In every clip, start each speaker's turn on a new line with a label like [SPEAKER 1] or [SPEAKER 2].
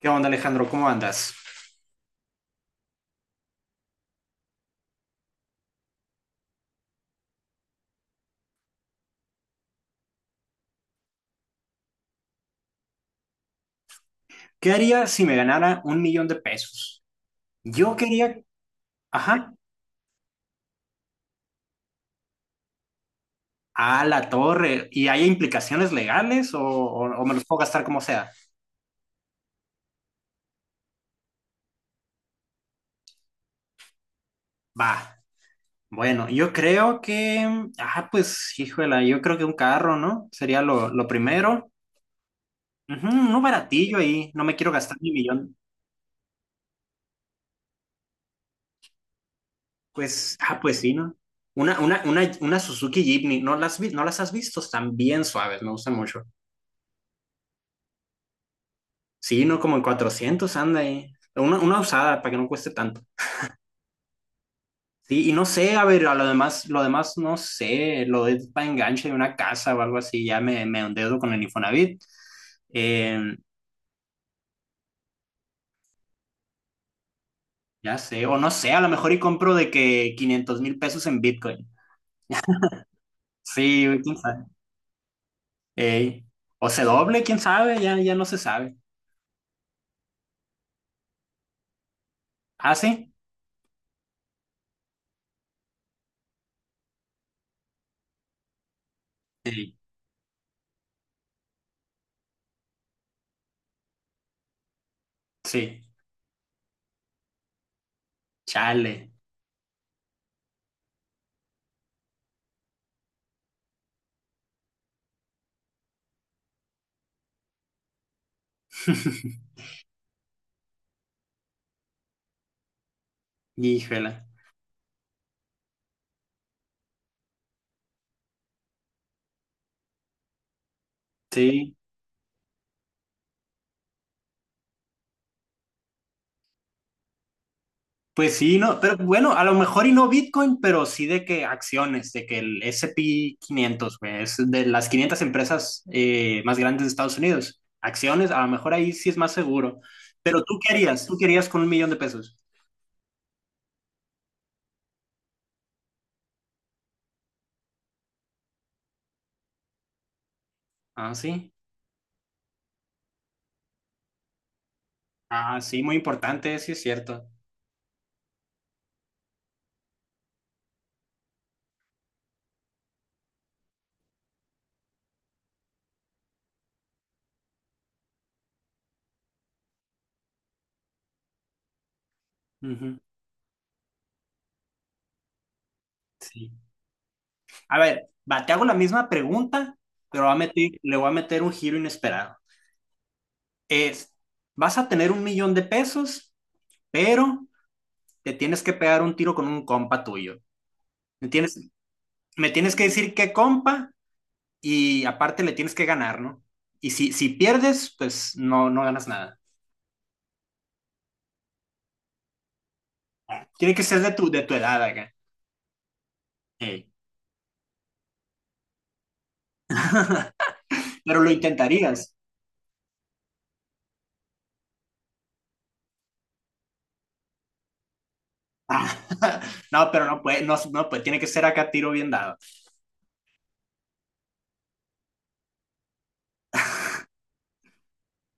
[SPEAKER 1] ¿Qué onda, Alejandro? ¿Cómo andas? ¿Qué haría si me ganara un millón de pesos? Yo quería, ajá, a la torre. ¿Y hay implicaciones legales o me los puedo gastar como sea? Va, bueno, yo creo que un carro, ¿no? Sería lo primero. Ujú, uno baratillo ahí, no me quiero gastar mi millón. Pues, ah, pues sí, ¿no? Una Suzuki Jimny, no las has visto? Están bien suaves, me gustan mucho. Sí, no, como en 400 anda ahí. Una usada para que no cueste tanto. Sí, y no sé, a ver, a lo demás no sé, lo de para enganche de una casa o algo así, me endeudo con el Infonavit. Eh, ya sé, o no sé, a lo mejor y compro de que 500,000 pesos en Bitcoin. Sí, güey, quién sabe. Ey. O se doble, quién sabe, ya, ya no se sabe. ¿Ah, sí? Sí, sí, chale. Híjole. Sí. Pues sí, no, pero bueno, a lo mejor y no Bitcoin, pero sí de que acciones, de que el S&P 500, güey, es de las 500 empresas más grandes de Estados Unidos. Acciones, a lo mejor ahí sí es más seguro. Pero ¿tú qué harías? ¿tú qué harías con un millón de pesos? Ah, sí. Ah, sí, muy importante, sí es cierto. Ujú, sí. A ver, va, te hago la misma pregunta, pero le voy a meter un giro inesperado. Es, vas a tener un millón de pesos, pero te tienes que pegar un tiro con un compa tuyo. Me tienes, me tienes que decir qué compa y aparte le tienes que ganar, ¿no? Y si pierdes, pues no, no ganas nada. Tiene que ser de de tu edad acá. Ey. Pero lo intentarías. Ah, no, pero no puede, no, no puede, tiene que ser acá tiro bien dado.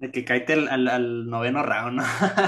[SPEAKER 1] De que caíte al noveno round, ¿no?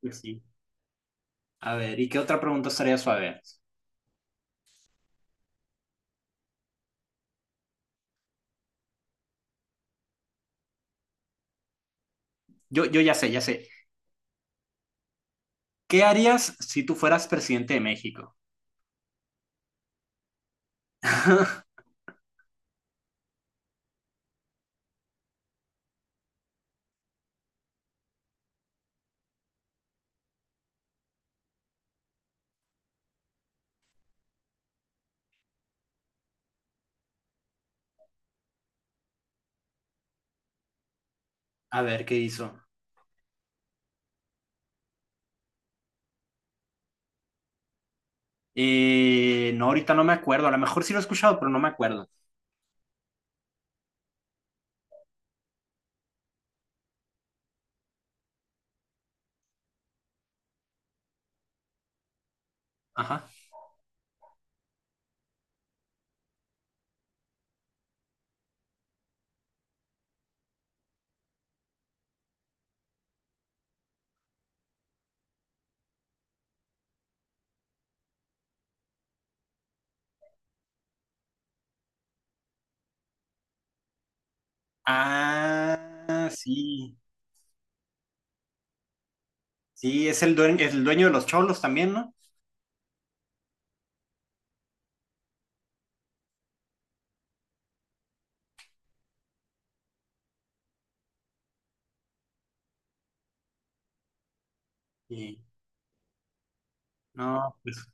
[SPEAKER 1] Pues sí. A ver, ¿y qué otra pregunta estaría suave? Yo ya sé, ya sé. ¿Qué harías si tú fueras presidente de México? A ver, ¿qué hizo? No, ahorita no me acuerdo. A lo mejor sí lo he escuchado, pero no me acuerdo. Ajá. Ah, sí. Sí, es el dueño de los cholos también, ¿no? Sí. No, pues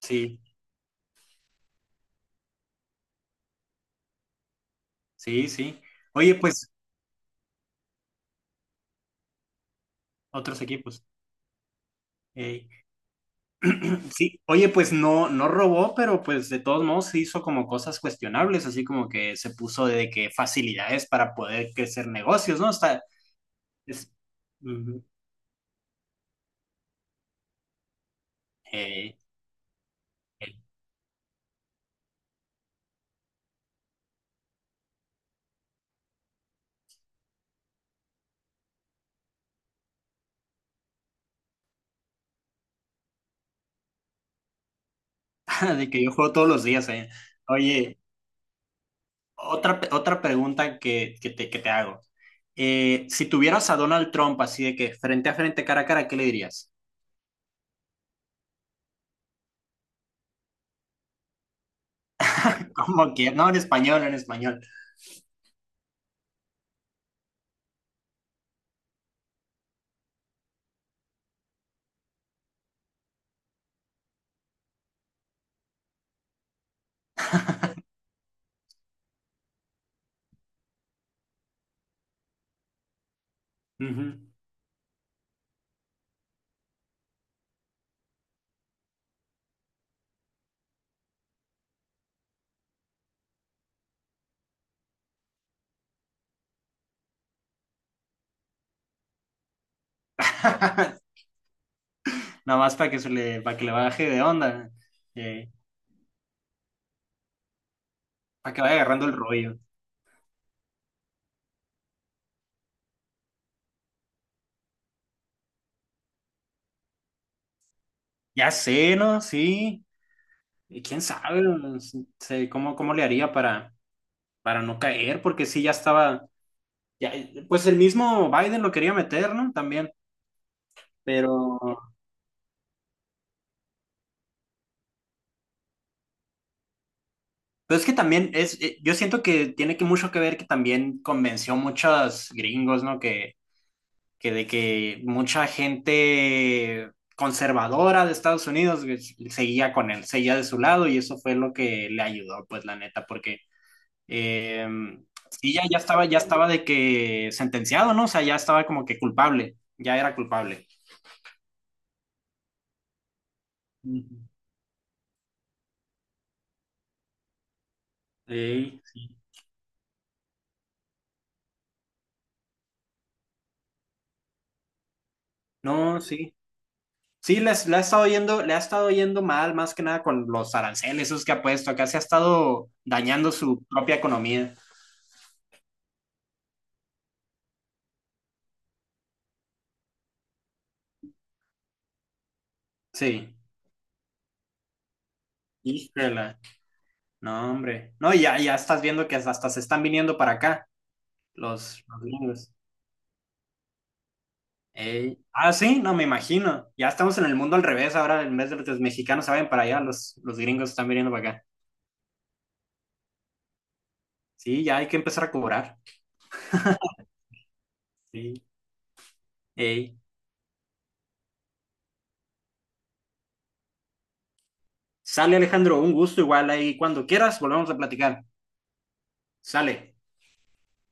[SPEAKER 1] sí, sí, sí. Oye, pues, otros equipos. Ey. Sí, oye, pues no, no robó, pero pues de todos modos se hizo como cosas cuestionables, así como que se puso de que facilidades para poder crecer negocios, ¿no? Está, es, ujú. Ey, ey. De que yo juego todos los días, eh. Oye. Otra pregunta que te hago. Si tuvieras a Donald Trump así de que frente a frente, cara a cara, ¿qué le dirías? Como que, no, en español, en español. Ujú. Nada más para que se le, para que le baje de onda, eh, para que vaya agarrando el rollo. Ya sé, ¿no? Sí. Y quién sabe, no sé, cómo, cómo le haría para no caer, porque sí, ya estaba, ya, pues el mismo Biden lo quería meter, ¿no? También, pero Pero es que también es, yo siento que tiene que mucho que ver que también convenció muchos gringos, ¿no? Que de que mucha gente conservadora de Estados Unidos güey, seguía con él, seguía de su lado y eso fue lo que le ayudó, pues la neta, porque eh, sí, ya, ya estaba de que sentenciado, ¿no? O sea, ya estaba como que culpable, ya era culpable. Ujú. Ey, no, sí. Sí, les, la ha estado yendo, le ha estado yendo mal, más que nada con los aranceles esos que ha puesto. Acá se ha estado dañando su propia economía. Sí. Híjole. No, hombre. No, ya, ya estás viendo que hasta se están viniendo para acá los gringos. Ey. Ah, sí, no me imagino. Ya estamos en el mundo al revés ahora. En vez de los mexicanos se vayan para allá, los gringos están viniendo para acá. Sí, ya hay que empezar a cobrar. Sí. Ey. Sale Alejandro, un gusto igual ahí. Cuando quieras, volvemos a platicar. Sale.